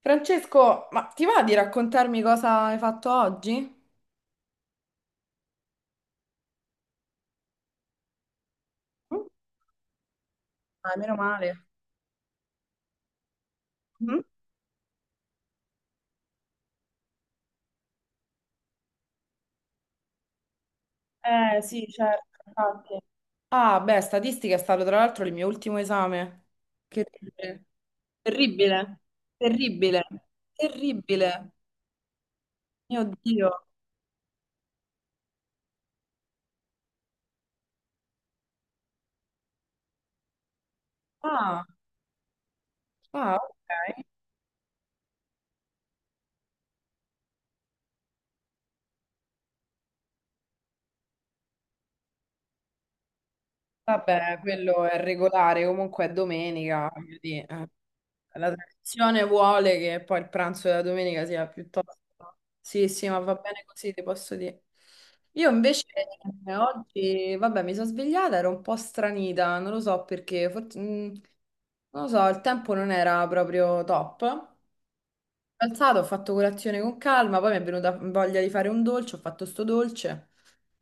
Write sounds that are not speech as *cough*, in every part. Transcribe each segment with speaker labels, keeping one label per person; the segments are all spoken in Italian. Speaker 1: Francesco, ma ti va di raccontarmi cosa hai fatto oggi? Mm? Ah, meno male. Mhm. Eh sì, certo, infatti. Ah, beh, statistica è stato tra l'altro il mio ultimo esame. Che orribile. Terribile, terribile, terribile. Mio Dio. Ah, ah, ok. Vabbè, quello è regolare, comunque è domenica, quindi la tradizione vuole che poi il pranzo della domenica sia piuttosto. Sì, sì, ma va bene così, ti posso dire. Io invece oggi, vabbè, mi sono svegliata, ero un po' stranita, non lo so perché, forse, non lo so, il tempo non era proprio top. Mi sono alzata, ho fatto colazione con calma, poi mi è venuta voglia di fare un dolce, ho fatto sto dolce.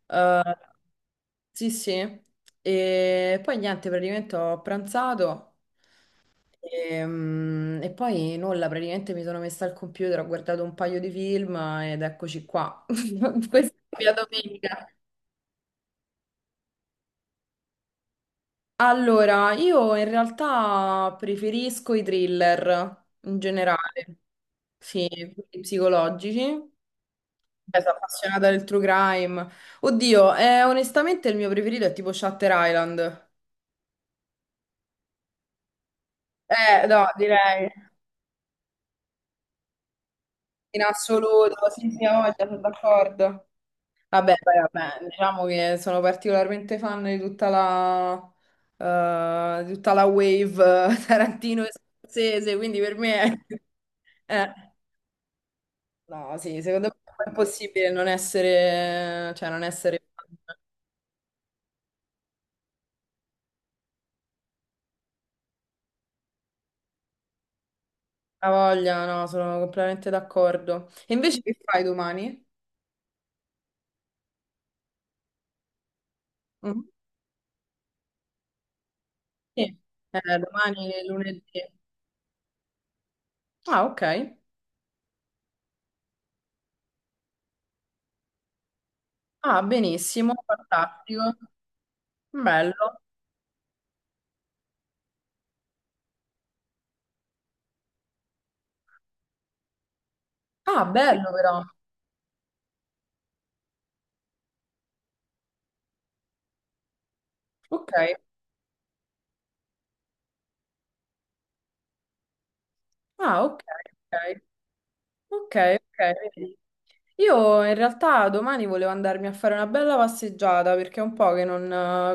Speaker 1: Eh, sì, sì. E poi niente, praticamente ho pranzato e poi nulla, praticamente mi sono messa al computer, ho guardato un paio di film ed eccoci qua. *laughs* Questa è la mia domenica. Allora, io in realtà preferisco i thriller in generale, sì, quelli psicologici. Cioè, sono appassionata del true crime. Oddio, onestamente il mio preferito è tipo Shutter Island. No, direi. In assoluto, sì, sì, ho voglia, sono d'accordo. Vabbè, poi, vabbè, diciamo che sono particolarmente fan di tutta la wave Tarantino e Scorsese, quindi per me è. *laughs* Eh, no, sì, secondo me è impossibile non essere, cioè, non essere fan. Ha voglia, no, sono completamente d'accordo. E invece che fai domani? Mhm. Sì. Domani è lunedì. Ah, ok. Ah, benissimo, fantastico. Bello. Ah, bello però. Ok. Ah, ok, ok. Ok, ok. Vedi. Io in realtà domani volevo andarmi a fare una bella passeggiata perché è un po' che non,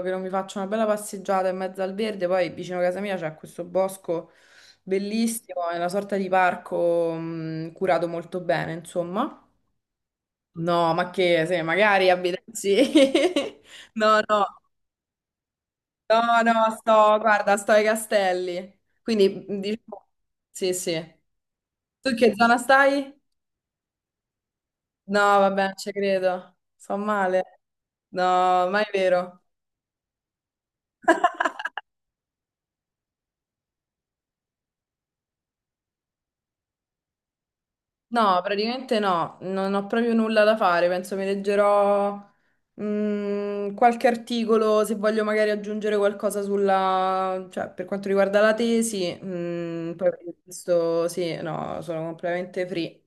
Speaker 1: che non mi faccio una bella passeggiata in mezzo al verde. Poi vicino a casa mia c'è questo bosco bellissimo, è una sorta di parco curato molto bene, insomma. No, ma che se magari abitassi. *laughs* No, no, no, no, guarda, sto ai castelli. Quindi diciamo, sì, sì. Tu in che zona stai? No, vabbè, non ci credo. Fa male. No, ma è vero. No, praticamente no, non ho proprio nulla da fare. Penso mi leggerò qualche articolo se voglio magari aggiungere qualcosa sulla, cioè, per quanto riguarda la tesi. Poi per il resto sì, no, sono completamente free.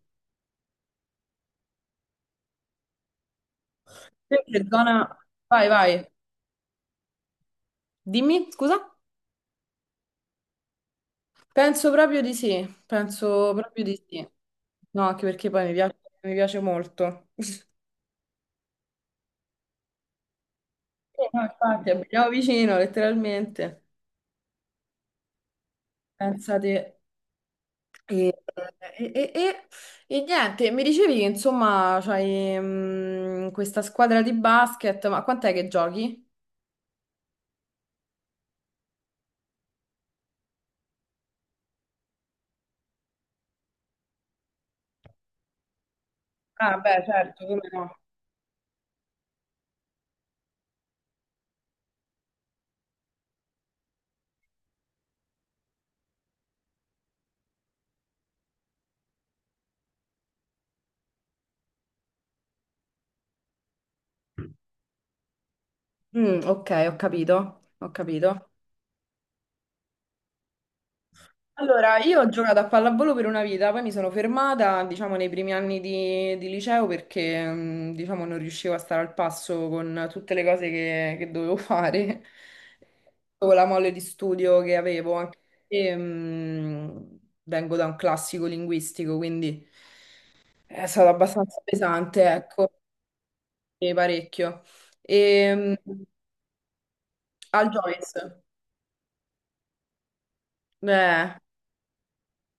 Speaker 1: Te, che zona? Vai, vai. Dimmi, scusa? Penso proprio di sì, penso proprio di sì. No, anche perché poi mi piace molto. Sì, no, infatti, abitiamo vicino, letteralmente. Pensate, e, e- e- e- niente, mi dicevi che insomma c'hai questa squadra di basket, ma quant'è che giochi? Ah, beh, certo, come no. Mm, ok, ho capito, ho capito. Allora, io ho giocato a pallavolo per una vita, poi mi sono fermata, diciamo, nei primi anni di liceo perché, diciamo, non riuscivo a stare al passo con tutte le cose che dovevo fare, *laughs* con la molle di studio che avevo, anche perché, vengo da un classico linguistico, quindi è stato abbastanza pesante, ecco, e parecchio. E, al Joyce, eh,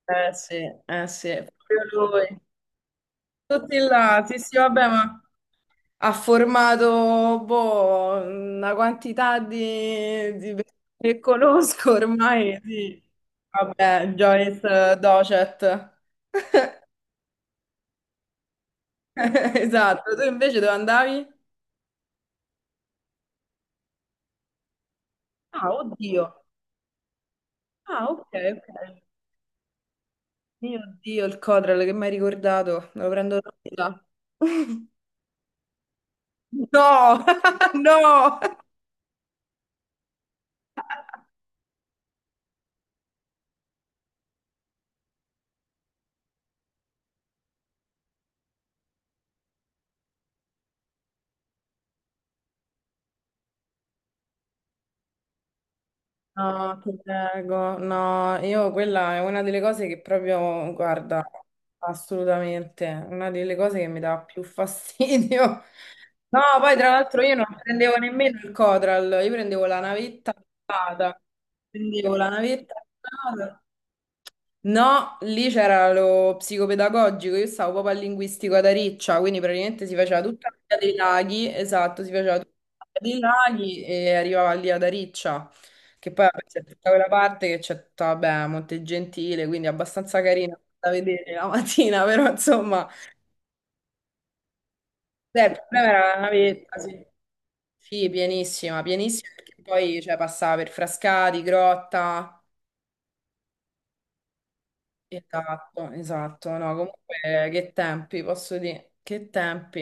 Speaker 1: eh sì, eh sì, proprio lui. Tutti là, sì, sì, vabbè, ma ha formato boh, una quantità di persone che conosco *laughs* ormai, sì. Vabbè, Joyce Docet. *laughs* Esatto, tu invece dove andavi? Ah, oddio. Ah, ok, ok. Mio Dio, il Codral che mi hai ricordato, me lo prendo da te là. *laughs* No, *laughs* no. No, ti prego, no, io quella è una delle cose che proprio, guarda, assolutamente, una delle cose che mi dà più *laughs* fastidio. No, poi tra l'altro io non prendevo nemmeno il Codral, io prendevo la navetta privata. No, lì c'era lo psicopedagogico, io stavo proprio al linguistico ad Ariccia, quindi praticamente si faceva tutta la via dei laghi, esatto, si faceva tutta la via dei laghi e arrivava lì ad Ariccia, che poi vabbè, c'è tutta quella parte che c'è tutta, vabbè, Montegentile, quindi abbastanza carina da vedere la mattina, *laughs* però insomma, il problema era la navetta, sì. Sì, pienissima, pienissima, perché poi cioè, passava per Frascati, Grotta. Esatto, esatto, no, comunque che tempi, posso dire, che tempi.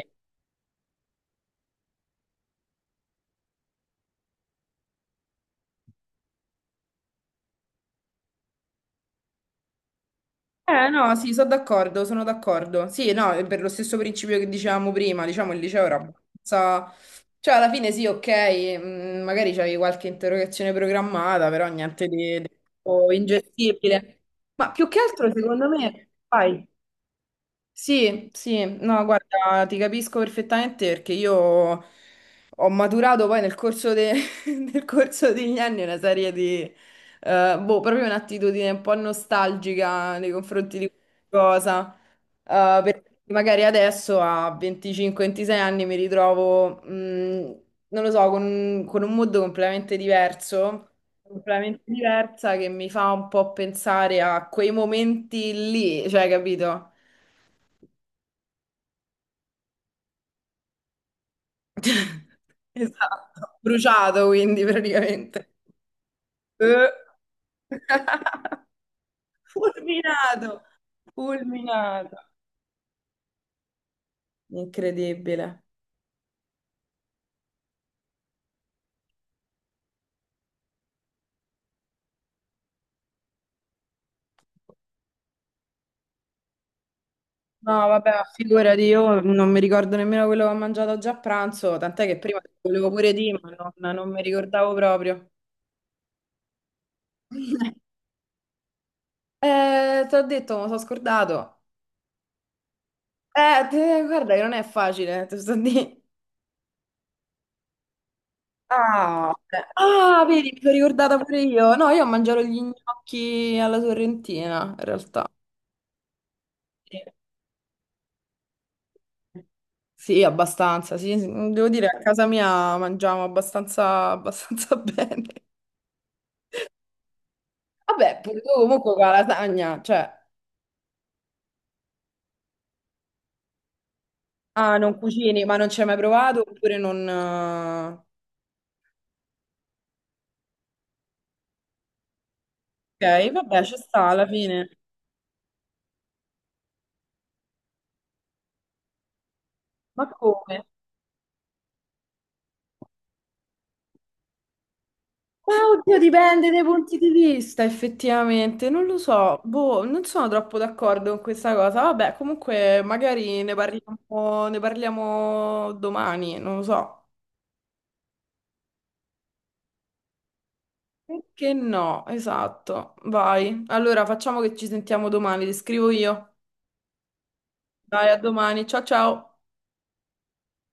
Speaker 1: Eh no, sì, sono d'accordo, sono d'accordo. Sì, no, è per lo stesso principio che dicevamo prima, diciamo il liceo era abbastanza. Cioè, alla fine sì, ok, magari c'avevi qualche interrogazione programmata, però niente di troppo ingestibile. Ma più che altro, secondo me, vai. Sì, sì, no, guarda, ti capisco perfettamente perché io ho maturato poi *laughs* nel corso degli anni una serie di, boh, proprio un'attitudine un po' nostalgica nei confronti di qualcosa. Cosa, perché magari adesso a 25-26 anni mi ritrovo, non lo so, con un mood completamente diverso, completamente diversa che mi fa un po' pensare a quei momenti lì, cioè, capito? *laughs* Esatto, bruciato quindi praticamente. Eh. *laughs* Fulminato, fulminato. Incredibile. No, vabbè, figurati, io non mi ricordo nemmeno quello che ho mangiato già a pranzo, tant'è che prima te lo volevo pure dire, ma non mi ricordavo proprio. *laughs* Te l'ho detto, mi sono scordato. Guarda che non è facile, te lo sto a dire. Ah, ok. Ah, vedi, mi sono ricordata pure io. No, io ho mangiato gli gnocchi alla sorrentina, in realtà. Sì, sì, abbastanza. Sì, sì. Devo dire, a casa mia mangiamo abbastanza, abbastanza *laughs* bene. Vabbè, pure tu comunque con la lasagna, cioè. Ah, non cucini, ma non ci hai mai provato oppure non. Ok, vabbè, ci sta alla fine. Ma come? Ah, oddio, dipende dai punti di vista, effettivamente. Non lo so, boh, non sono troppo d'accordo con questa cosa. Vabbè, comunque, magari ne parliamo domani, non lo so. Perché no? Esatto. Vai. Allora, facciamo che ci sentiamo domani, ti scrivo io. Dai, a domani. Ciao ciao.